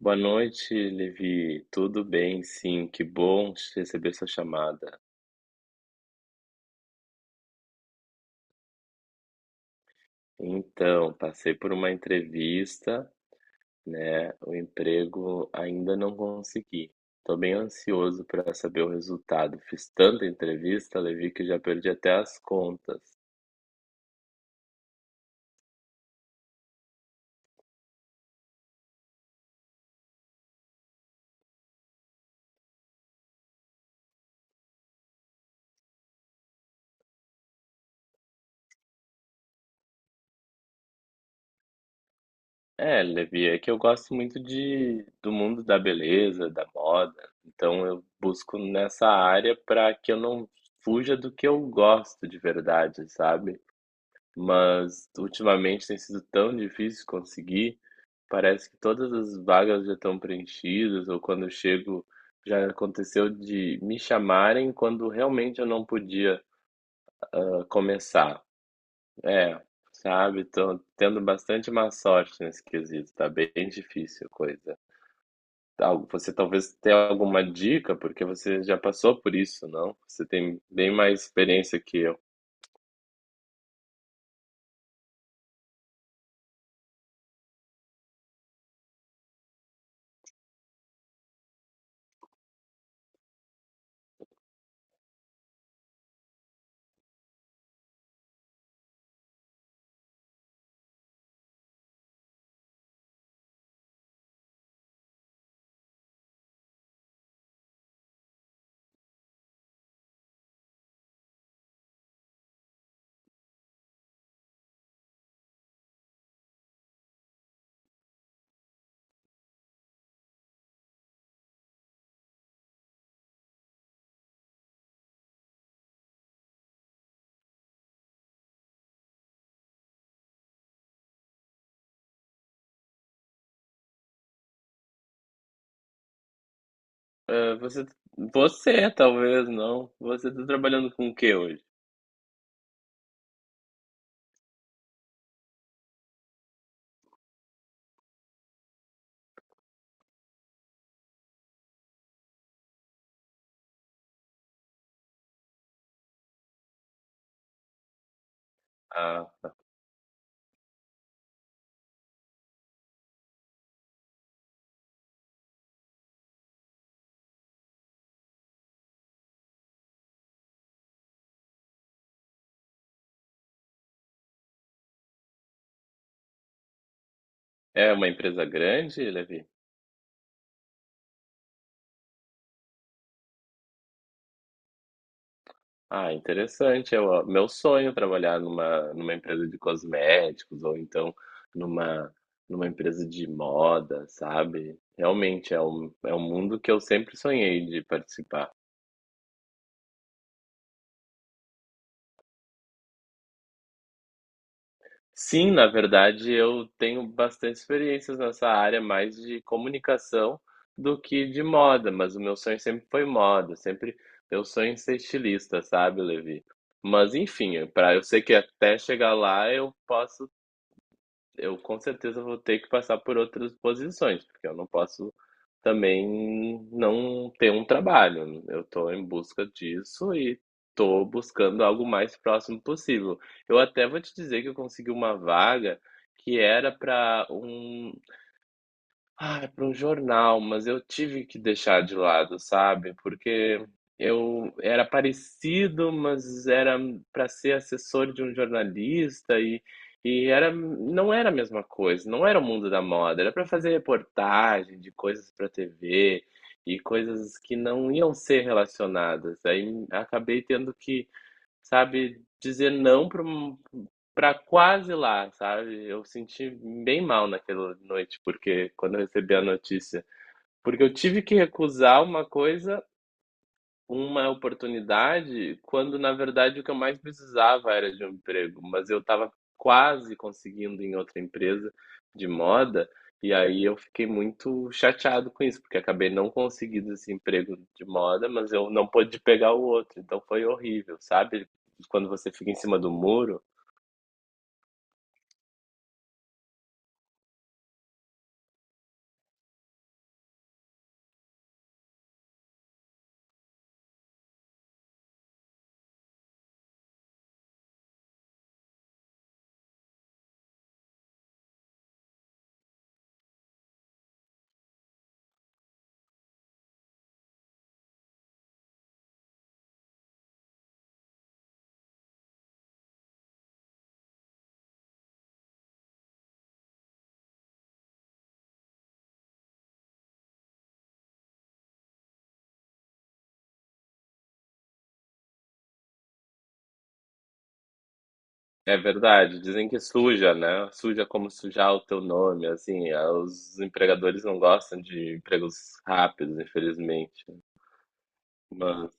Boa noite, Levi. Tudo bem? Sim, que bom te receber sua chamada. Então, passei por uma entrevista, né? O emprego ainda não consegui. Estou bem ansioso para saber o resultado. Fiz tanta entrevista, Levi, que já perdi até as contas. É, Levi, é que eu gosto muito do mundo da beleza, da moda. Então eu busco nessa área para que eu não fuja do que eu gosto de verdade, sabe? Mas ultimamente tem sido tão difícil conseguir. Parece que todas as vagas já estão preenchidas, ou quando eu chego, já aconteceu de me chamarem quando realmente eu não podia começar. É, sabe? Tô tendo bastante má sorte nesse quesito, tá bem difícil a coisa. Você talvez tenha alguma dica, porque você já passou por isso, não? Você tem bem mais experiência que eu. É, você talvez não. Você está trabalhando com o que hoje? Ah, é uma empresa grande, Levi? Ah, interessante. Meu sonho é trabalhar numa empresa de cosméticos ou então numa, numa empresa de moda, sabe? Realmente é é um mundo que eu sempre sonhei de participar. Sim, na verdade, eu tenho bastante experiências nessa área, mais de comunicação do que de moda, mas o meu sonho sempre foi moda, sempre meu sonho é ser estilista, sabe, Levi? Mas enfim, para eu sei que até chegar lá eu posso eu com certeza vou ter que passar por outras posições, porque eu não posso também não ter um trabalho, né? Eu estou em busca disso e estou buscando algo mais próximo possível. Eu até vou te dizer que eu consegui uma vaga que era é para um jornal, mas eu tive que deixar de lado, sabe? Porque eu era parecido, mas era para ser assessor de um jornalista e não era a mesma coisa, não era o mundo da moda, era para fazer reportagem de coisas para TV e coisas que não iam ser relacionadas. Aí acabei tendo que, sabe, dizer não para quase lá, sabe? Eu senti bem mal naquela noite, porque quando eu recebi a notícia, porque eu tive que recusar uma oportunidade quando, na verdade, o que eu mais precisava era de um emprego, mas eu estava quase conseguindo em outra empresa de moda, e aí eu fiquei muito chateado com isso, porque acabei não conseguindo esse emprego de moda, mas eu não pude pegar o outro, então foi horrível, sabe? Quando você fica em cima do muro, é verdade, dizem que suja, né? Suja como sujar o teu nome, assim, ah, os empregadores não gostam de empregos rápidos, infelizmente. Mas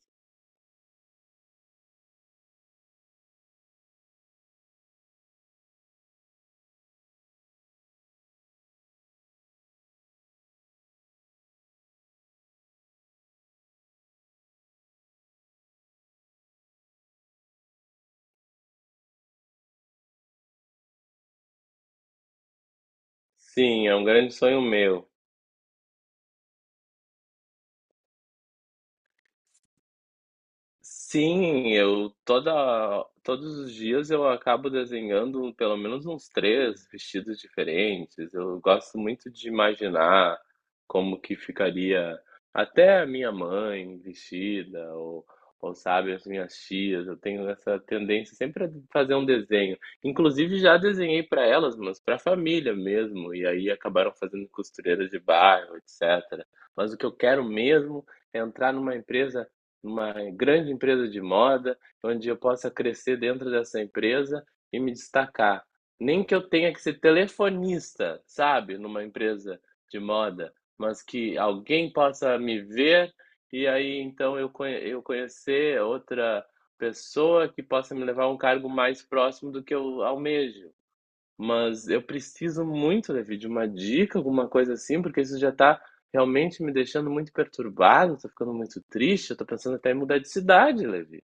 sim, é um grande sonho meu. Sim, eu toda todos os dias eu acabo desenhando pelo menos uns 3 vestidos diferentes. Eu gosto muito de imaginar como que ficaria até a minha mãe vestida ou sabe, as minhas tias. Eu tenho essa tendência sempre a fazer um desenho. Inclusive já desenhei para elas, mas para a família mesmo, e aí acabaram fazendo costureiras de bairro, etc. Mas o que eu quero mesmo é entrar numa grande empresa de moda, onde eu possa crescer dentro dessa empresa e me destacar. Nem que eu tenha que ser telefonista, sabe, numa empresa de moda, mas que alguém possa me ver e aí então eu conhecer outra pessoa que possa me levar a um cargo mais próximo do que eu almejo. Mas eu preciso muito, Levi, de uma dica, alguma coisa assim, porque isso já tá realmente me deixando muito perturbado, tô ficando muito triste, eu tô pensando até em mudar de cidade, Levi.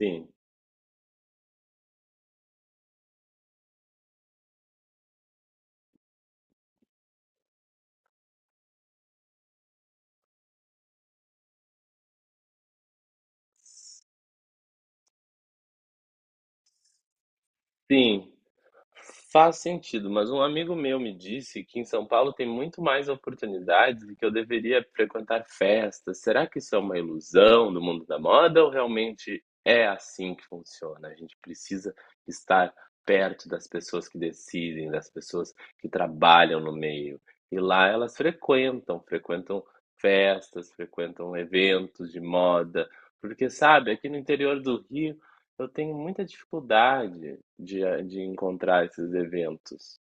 Sim, sim. Faz sentido, mas um amigo meu me disse que em São Paulo tem muito mais oportunidades e que eu deveria frequentar festas. Será que isso é uma ilusão do mundo da moda ou realmente é assim que funciona? A gente precisa estar perto das pessoas que decidem, das pessoas que trabalham no meio. E lá elas frequentam festas, frequentam eventos de moda, porque sabe, aqui no interior do Rio eu tenho muita dificuldade de encontrar esses eventos.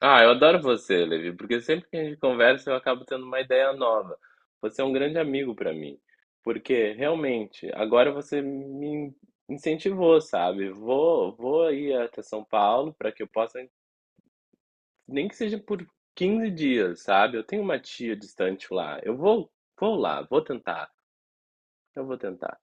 Ah, eu adoro você, Levi, porque sempre que a gente conversa eu acabo tendo uma ideia nova. Você é um grande amigo para mim, porque realmente agora você me incentivou, sabe? Vou aí até São Paulo para que eu possa, nem que seja por 15 dias, sabe? Eu tenho uma tia distante lá. Vou lá, vou tentar. Eu vou tentar.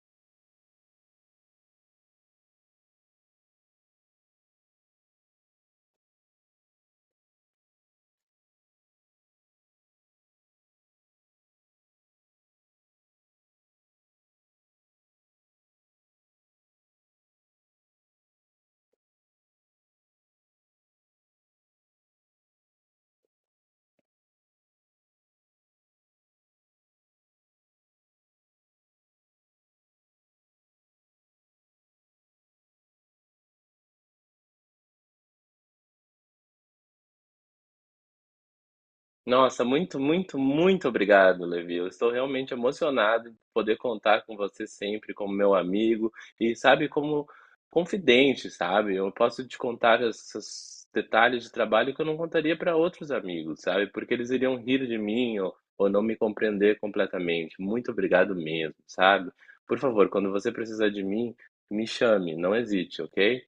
Nossa, muito, muito, muito obrigado, Levi. Eu estou realmente emocionado de poder contar com você sempre como meu amigo e, sabe, como confidente, sabe? Eu posso te contar esses detalhes de trabalho que eu não contaria para outros amigos, sabe? Porque eles iriam rir de mim ou não me compreender completamente. Muito obrigado mesmo, sabe? Por favor, quando você precisar de mim, me chame, não hesite, ok?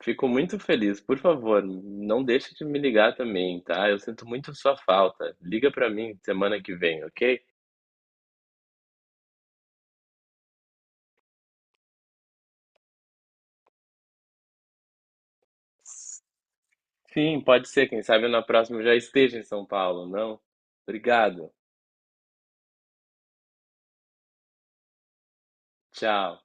Fico muito feliz. Por favor, não deixe de me ligar também, tá? Eu sinto muito sua falta. Liga pra mim semana que vem, ok? Sim, pode ser. Quem sabe na próxima eu já esteja em São Paulo, não? Obrigado. Tchau.